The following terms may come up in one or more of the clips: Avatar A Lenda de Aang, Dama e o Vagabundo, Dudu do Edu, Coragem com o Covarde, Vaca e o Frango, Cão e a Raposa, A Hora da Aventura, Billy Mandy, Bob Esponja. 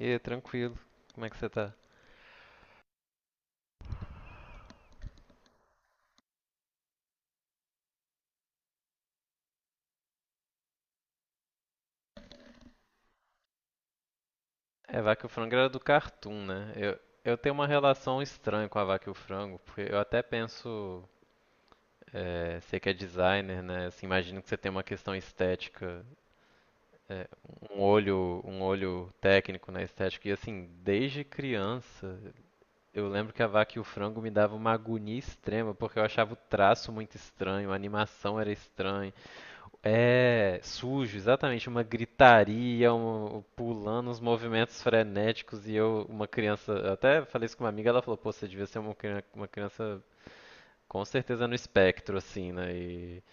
E aí, tranquilo. Como é que você tá? É, Vaca e o Frango era do Cartoon, né? Eu tenho uma relação estranha com a Vaca e o Frango, porque eu até penso, você que é designer, né? Assim, imagino que você tem uma questão estética, é, um olho técnico na estética. E assim, desde criança, eu lembro que a Vaca e o Frango me dava uma agonia extrema, porque eu achava o traço muito estranho, a animação era estranha. É, sujo, exatamente, uma gritaria, um, pulando uns movimentos frenéticos e eu, uma criança, eu até falei isso com uma amiga, ela falou, pô, você devia ser uma, uma criança com certeza no espectro, assim, né? E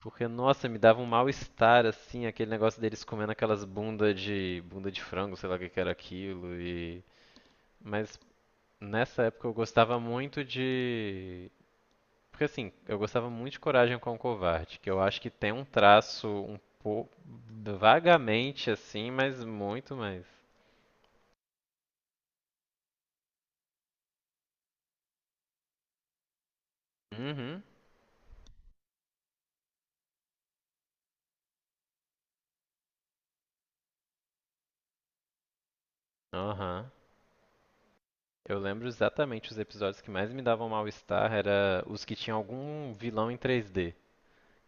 porque, nossa, me dava um mal-estar, assim, aquele negócio deles comendo aquelas bunda de frango, sei lá o que que era aquilo, e... Mas nessa época eu gostava muito de porque assim, eu gostava muito de Coragem com o Covarde, que eu acho que tem um traço um pouco vagamente assim, mas muito mais. Uhum. Aham. Eu lembro exatamente os episódios que mais me davam mal-estar era os que tinham algum vilão em 3D.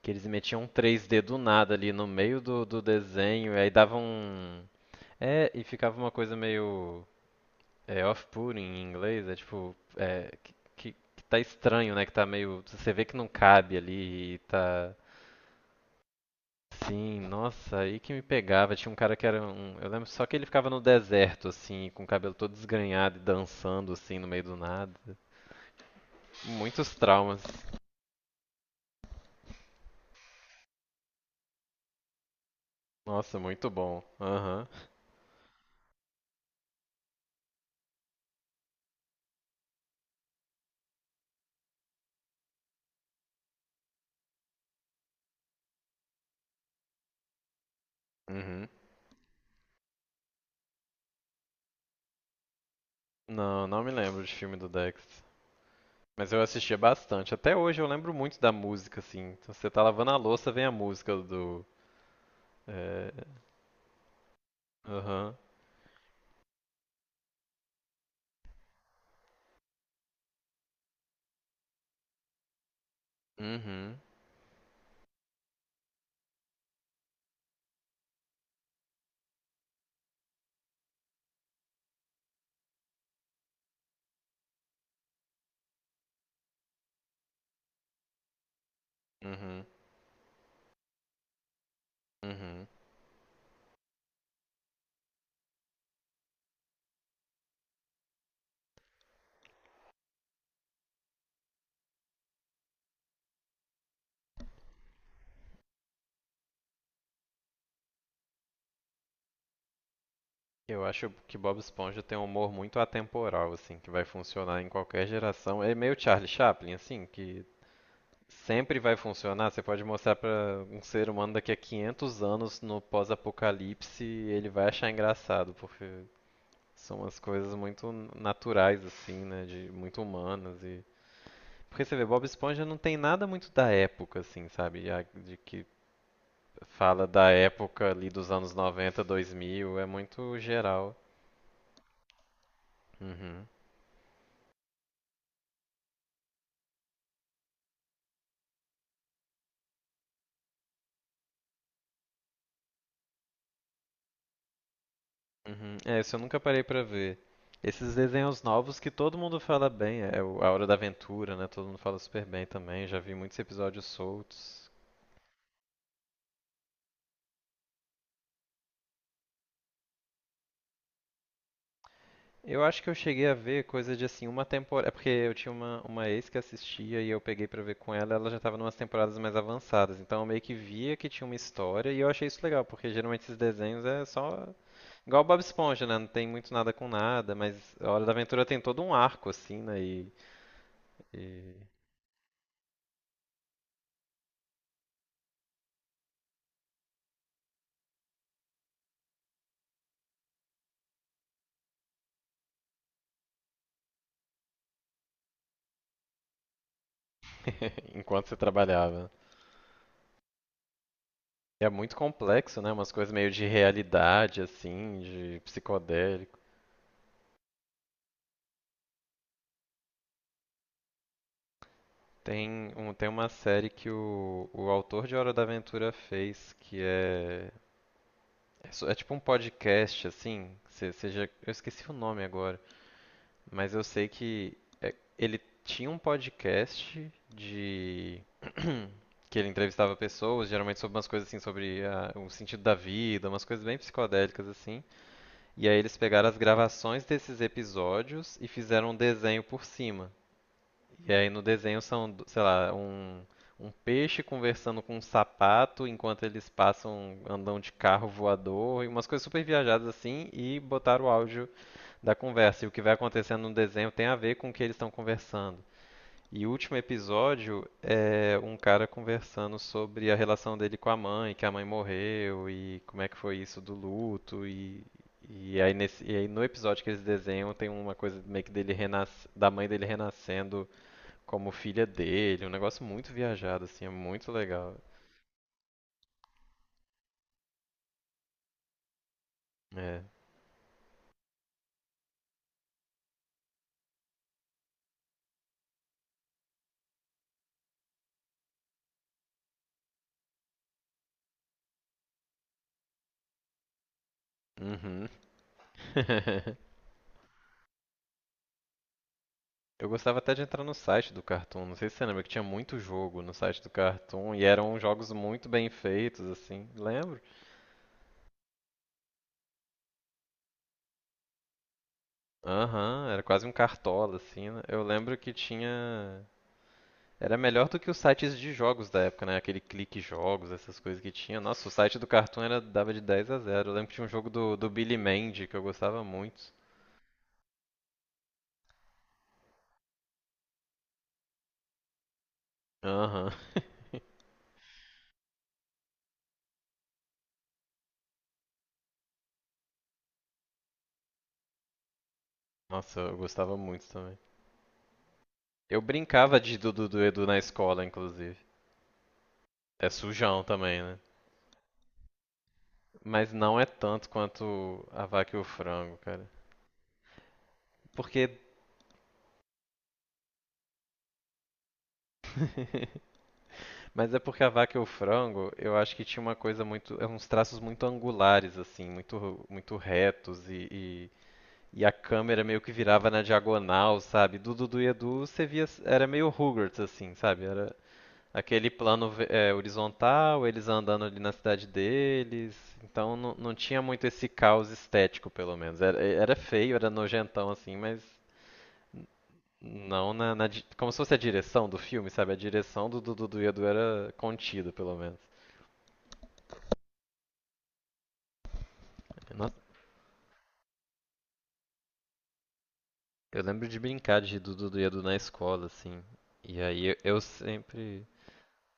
Que eles metiam um 3D do nada ali no meio do desenho, e aí davam um. É, e ficava uma coisa meio. É off-putting em inglês, é tipo, que tá estranho, né? Que tá meio, você vê que não cabe ali e tá... Sim, nossa, aí que me pegava. Tinha um cara que era um. Eu lembro só que ele ficava no deserto, assim, com o cabelo todo desgrenhado e dançando, assim, no meio do nada. Muitos traumas. Nossa, muito bom. Aham. Uhum. Não, não me lembro de filme do Dex. Mas eu assistia bastante. Até hoje eu lembro muito da música, assim. Então, você tá lavando a louça, vem a música do. É... Aham. Uhum, uhum, uhum. Eu acho que Bob Esponja tem um humor muito atemporal, assim, que vai funcionar em qualquer geração. É meio Charlie Chaplin, assim, que sempre vai funcionar. Você pode mostrar pra um ser humano daqui a 500 anos no pós-apocalipse, ele vai achar engraçado, porque são umas coisas muito naturais, assim, né, de muito humanas e porque você vê, Bob Esponja não tem nada muito da época, assim, sabe? A- De que fala da época ali dos anos 90, 2000, é muito geral. Uhum. Uhum. É, isso eu nunca parei pra ver. Esses desenhos novos que todo mundo fala bem, é o A Hora da Aventura, né? Todo mundo fala super bem também, já vi muitos episódios soltos. Eu acho que eu cheguei a ver coisa de assim, uma temporada. É porque eu tinha uma ex que assistia e eu peguei pra ver com ela, ela já tava numas temporadas mais avançadas. Então eu meio que via que tinha uma história e eu achei isso legal, porque geralmente esses desenhos é só igual o Bob Esponja, né? Não tem muito nada com nada, mas a Hora da Aventura tem todo um arco, assim, né? E- enquanto você trabalhava. E é muito complexo, né? Umas coisas meio de realidade, assim, de psicodélico. Tem um, tem uma série que o autor de Hora da Aventura fez, que é. É, só- é tipo um podcast, assim. Já, eu esqueci o nome agora, mas eu sei que é- ele tinha um podcast de que ele entrevistava pessoas, geralmente sobre umas coisas assim, sobre a- o sentido da vida, umas coisas bem psicodélicas assim. E aí eles pegaram as gravações desses episódios e fizeram um desenho por cima. E aí no desenho são, do- sei lá, um peixe conversando com um sapato enquanto eles passam, andam de carro voador, e umas coisas super viajadas assim, e botaram o áudio da conversa. E o que vai acontecendo no desenho tem a ver com o que eles estão conversando. E o último episódio é um cara conversando sobre a relação dele com a mãe, que a mãe morreu e como é que foi isso do luto. E e aí, nesse, e aí no episódio que eles desenham tem uma coisa meio que dele da mãe dele renascendo como filha dele, um negócio muito viajado assim, é muito legal. É. Uhum. Eu gostava até de entrar no site do Cartoon, não sei se você lembra que tinha muito jogo no site do Cartoon e eram jogos muito bem feitos assim. Lembro? Aham, era quase um cartola, assim, né? Eu lembro que tinha. Era melhor do que os sites de jogos da época, né? Aquele clique jogos, essas coisas que tinha. Nossa, o site do Cartoon era... dava de 10 a zero. Eu lembro que tinha um jogo do Billy Mandy que eu gostava muito. Aham. Nossa, eu gostava muito também. Eu brincava de Dudu do Edu na escola, inclusive. É sujão também, né? Mas não é tanto quanto a Vaca e o Frango, cara. Porque. Mas é porque a Vaca e o Frango, eu acho que tinha uma coisa muito, é uns traços muito angulares assim, muito retos e a câmera meio que virava na diagonal, sabe? Do Dudu e Edu você via, era meio Rugrats assim, sabe? Era aquele é, horizontal, eles andando ali na cidade deles, então não, não tinha muito esse caos estético pelo menos. Era, era feio, era nojentão assim, mas não como se fosse a direção do filme, sabe? A direção do Dudu e Edu era contida pelo menos. Nossa, eu lembro de brincar de Dudu do Edu na escola, assim. E aí eu sempre.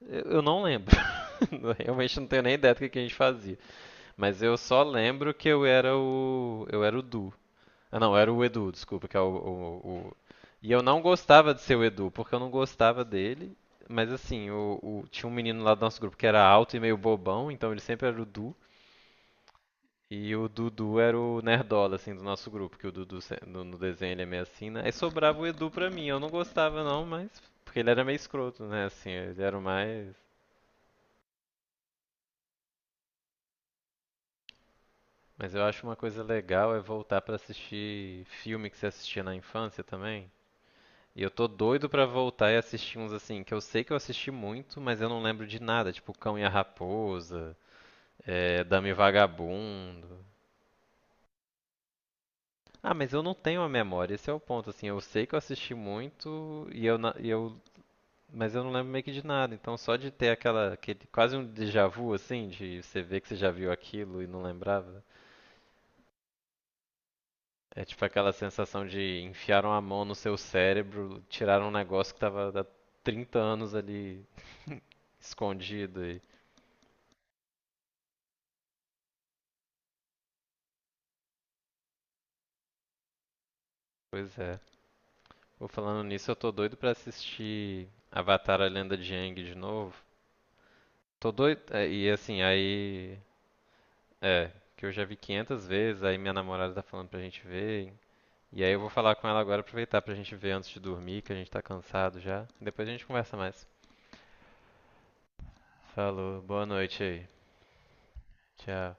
Eu não lembro. Realmente não tenho nem ideia do que a gente fazia. Mas eu só lembro que eu era o. Eu era o Du. Ah, não, eu era o Edu, desculpa, que é o- e eu não gostava de ser o Edu, porque eu não gostava dele. Mas assim, tinha um menino lá do nosso grupo que era alto e meio bobão, então ele sempre era o Du. E o Dudu era o nerdola, assim, do nosso grupo, que o Dudu se- no, no desenho ele é meio assim, né? Aí sobrava o Edu pra mim, eu não gostava não, mas... Porque ele era meio escroto, né? Assim, ele era o mais... Mas eu acho uma coisa legal é voltar pra assistir filme que você assistia na infância também. E eu tô doido pra voltar e assistir uns assim, que eu sei que eu assisti muito, mas eu não lembro de nada, tipo Cão e a Raposa, é, Dama e o Vagabundo. Ah, mas eu não tenho a memória, esse é o ponto, assim, eu sei que eu assisti muito e eu, na- e eu mas eu não lembro meio que de nada, então só de ter aquela, aquele, quase um déjà vu, assim, de você ver que você já viu aquilo e não lembrava. É tipo aquela sensação de enfiaram a mão no seu cérebro, tiraram um negócio que tava há 30 anos ali escondido. E... Pois é. Vou falando nisso, eu tô doido pra assistir Avatar A Lenda de Aang de novo. Tô doido, é, e assim, aí, é, que eu já vi 500 vezes, aí minha namorada tá falando pra gente ver. E aí eu vou falar com ela agora, aproveitar pra gente ver antes de dormir, que a gente tá cansado já. Depois a gente conversa mais. Falou, boa noite aí. Tchau.